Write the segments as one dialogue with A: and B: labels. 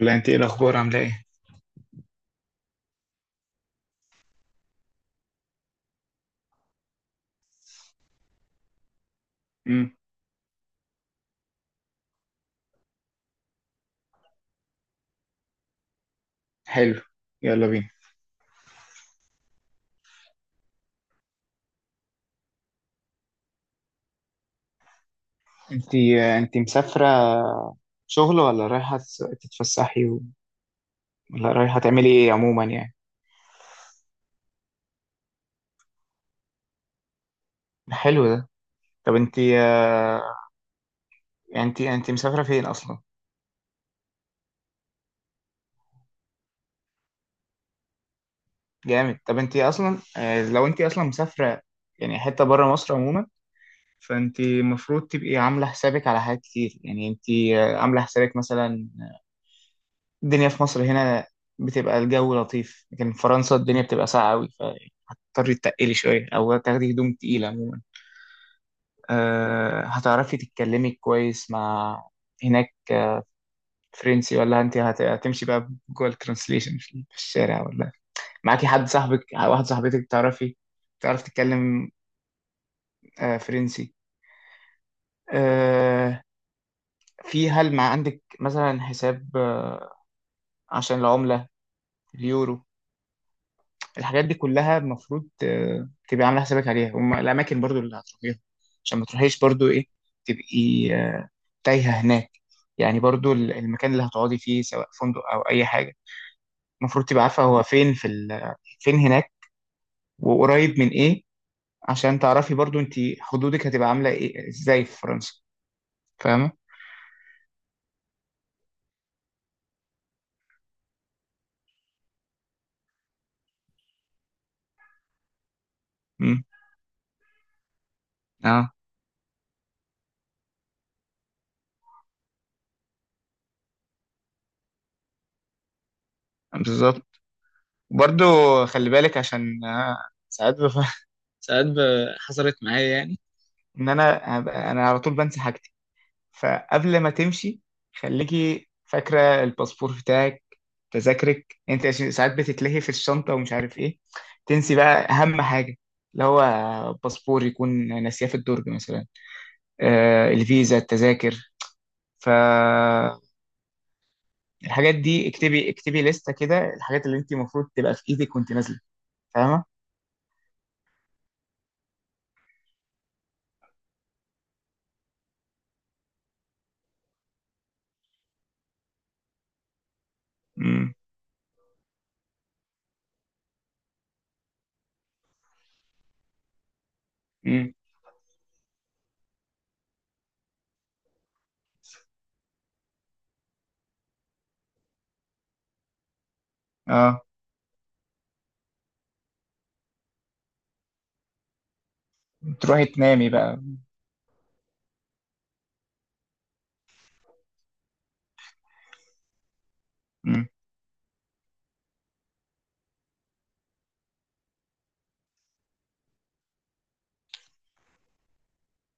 A: ولا انت ايه الاخبار، عامله ايه؟ امم. حلو. يلا بينا. انت انت مسافره شغل ولا رايحه تتفسحي ولا رايحه تعملي ايه عموما يعني؟ حلو ده. طب انت، يعني انت مسافره فين اصلا؟ جامد. طب انت اصلا، لو انت اصلا مسافره يعني حته بره مصر عموما، فانت المفروض تبقي عامله حسابك على حاجات كتير، يعني انت عامله حسابك مثلا. الدنيا في مصر هنا بتبقى الجو لطيف، لكن في فرنسا الدنيا بتبقى ساقعه قوي. تضطري تتقلي شوية أو تاخدي هدوم تقيلة عموما. هتعرفي تتكلمي كويس مع هناك فرنسي، ولا أنت هتمشي بقى جوه الترانسليشن في الشارع، ولا معاكي حد صاحبك واحد صاحبتك تعرفي تعرف تتكلم فرنسي؟ أه في، هل مع عندك مثلا حساب عشان العملة، اليورو؟ الحاجات دي كلها المفروض تبقي عاملة حسابك عليها، والأماكن برضو اللي هتروحيها، عشان ما تروحيش برضو إيه، تبقي تايهة هناك. يعني برضو المكان اللي هتقعدي فيه سواء فندق أو أي حاجة، المفروض تبقى عارفة هو فين، فين هناك وقريب من إيه، عشان تعرفي برضو أنت حدودك هتبقى عاملة إيه إزاي في فرنسا. فاهمة؟ مم. أه، بالظبط. برضو خلي بالك، عشان ساعات ساعات حصلت معايا يعني، إن أنا أنا على طول بنسى حاجة. فقبل ما تمشي، خليكي فاكرة الباسبور بتاعك، تذاكرك انت، عشان ساعات بتتلهي في الشنطة ومش عارف ايه، تنسي بقى اهم حاجة اللي هو باسبور، يكون ناسياه في الدرج مثلا. الفيزا، التذاكر، فالحاجات دي اكتبي اكتبي لستة كده الحاجات اللي انت المفروض تبقى في ايدك وانت نازلة. فاهمة؟ امم. امم. اه، تروحي تنامي بقى. امم.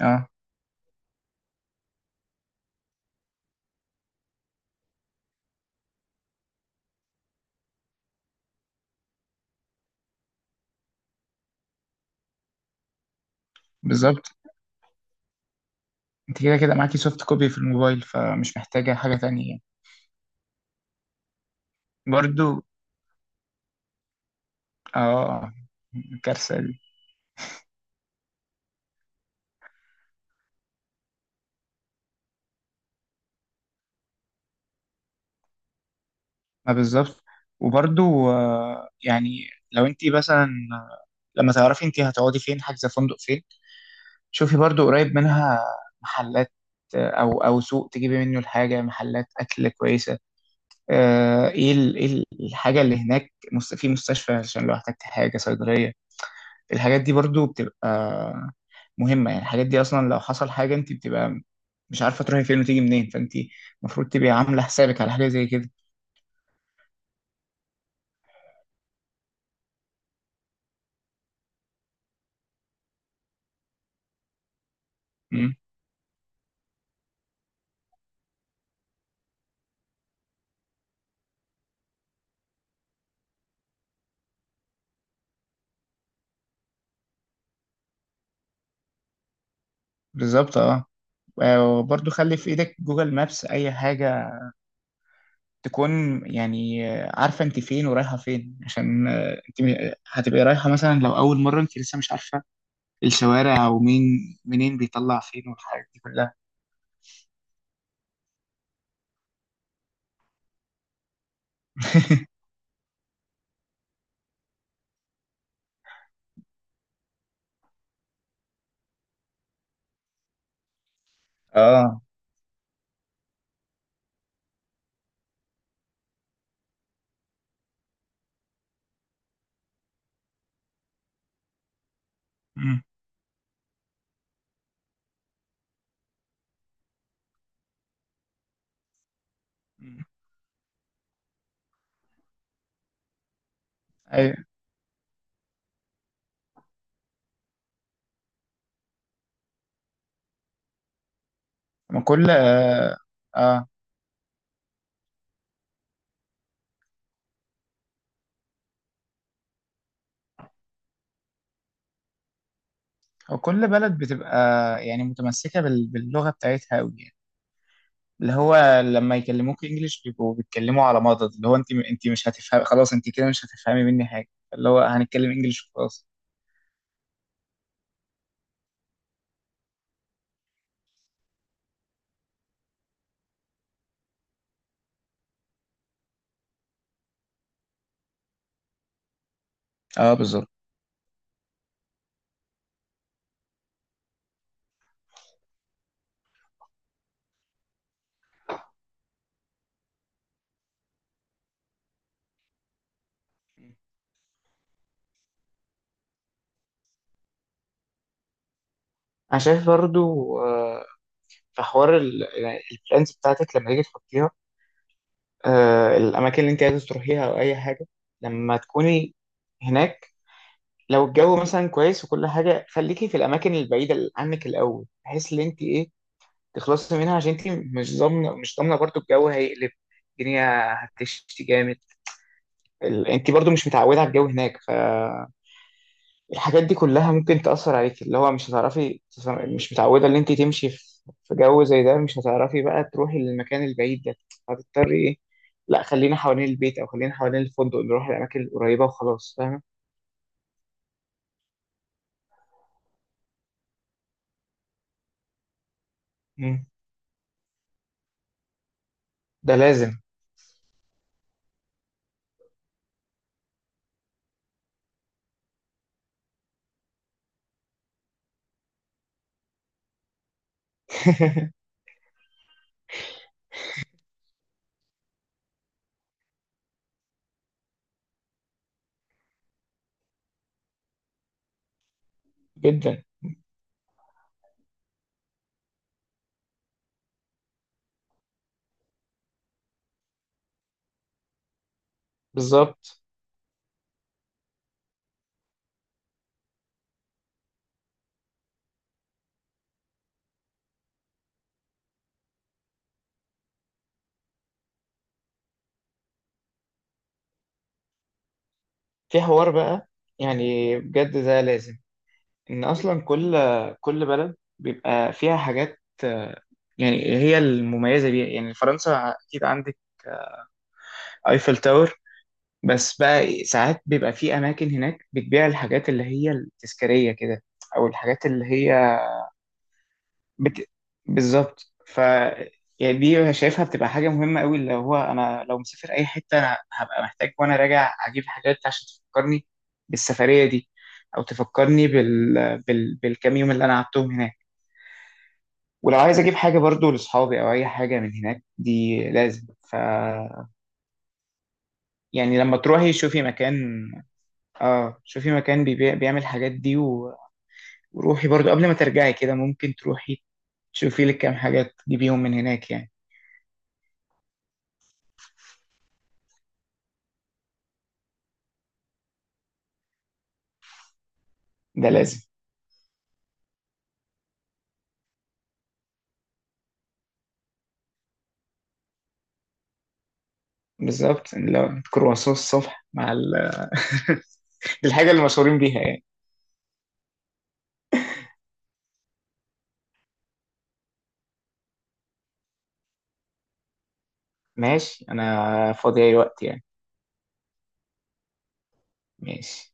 A: اه، بالظبط. انت كده كده معاكي سوفت كوبي في الموبايل، فمش محتاجة حاجة تانية يعني. برضو. اه. الكارثة دي. ما بالظبط. وبرضو يعني لو انت مثلا لما تعرفي انت هتقعدي فين حاجزة فندق فين، شوفي برضو قريب منها محلات، او سوق تجيبي منه الحاجة، محلات اكل كويسة، الحاجة اللي هناك في مستشفى، عشان لو احتجتي حاجة صيدلية. الحاجات دي برضو بتبقى مهمة يعني، الحاجات دي اصلا لو حصل حاجة انت بتبقى مش عارفة تروحي فين وتيجي منين، فانت المفروض تبقي عاملة حسابك على حاجة زي كده. بالظبط، اه. وبرضه خلي في ايدك جوجل مابس اي حاجة، تكون يعني عارفة انت فين ورايحة فين، عشان انت هتبقي رايحة، مثلا لو اول مرة انت لسه مش عارفة الشوارع ومين منين بيطلع فين والحاجات دي كلها. اه. مم. مم. ايوه. ما كل، اه. آه. وكل بلد بتبقى يعني متمسكة باللغة بتاعتها قوي. اللي هو لما يكلموك انجليش بيبقوا بيتكلموا على مضض، اللي هو انت مش هتفهم خلاص، انت كده مش هتفهمي مني حاجه. اللي هو هنتكلم انجليش وخلاص. اه، بالظبط. انا شايف برضو آه، في حوار يعني البلانز بتاعتك لما تيجي تحطيها، الاماكن اللي انت عايز تروحيها او اي حاجه لما تكوني هناك. لو الجو مثلا كويس وكل حاجه، خليكي في الاماكن البعيده عنك الاول، بحيث ان انت ايه، تخلصي منها، عشان انت مش ضامنه مش ضامنه برضو الجو هيقلب، الدنيا هتشتي جامد، انت برضو مش متعوده على الجو هناك، فالحاجات دي كلها ممكن تاثر عليك، اللي هو مش هتعرفي مش متعوده ان انت تمشي في جو زي ده، مش هتعرفي بقى تروحي للمكان البعيد ده، هتضطري ايه، لا خلينا حوالين البيت او خلينا حوالين الفندق، نروح الاماكن القريبه وخلاص. فاهمه؟ مم. ده لازم. جدا. بالظبط. في حوار بقى يعني بجد ده لازم، ان اصلا كل بلد بيبقى فيها حاجات يعني هي المميزه بيها، يعني فرنسا اكيد عندك ايفل تاور. بس بقى إيه، ساعات بيبقى في اماكن هناك بتبيع الحاجات اللي هي التذكاريه كده، او الحاجات اللي هي بت... بالظبط. ف يعني دي شايفها بتبقى حاجه مهمه قوي، اللي هو انا لو مسافر اي حته أنا هبقى محتاج وانا راجع اجيب حاجات عشان تفكرني بالسفريه دي، او تفكرني بالكام يوم اللي انا قعدتهم هناك. ولو عايز اجيب حاجه برضو لاصحابي او اي حاجه من هناك، دي لازم. ف يعني لما تروحي شوفي مكان، اه شوفي مكان بيبيع بيعمل الحاجات دي وروحي برضو قبل ما ترجعي كده، ممكن تروحي تشوفي لك كام حاجة تجيبيهم من هناك يعني. ده لازم. بالظبط. لو كرواسون الصبح مع دي الحاجة اللي مشهورين بيها يعني. ماشي، أنا فاضي أي وقت يعني. ماشي.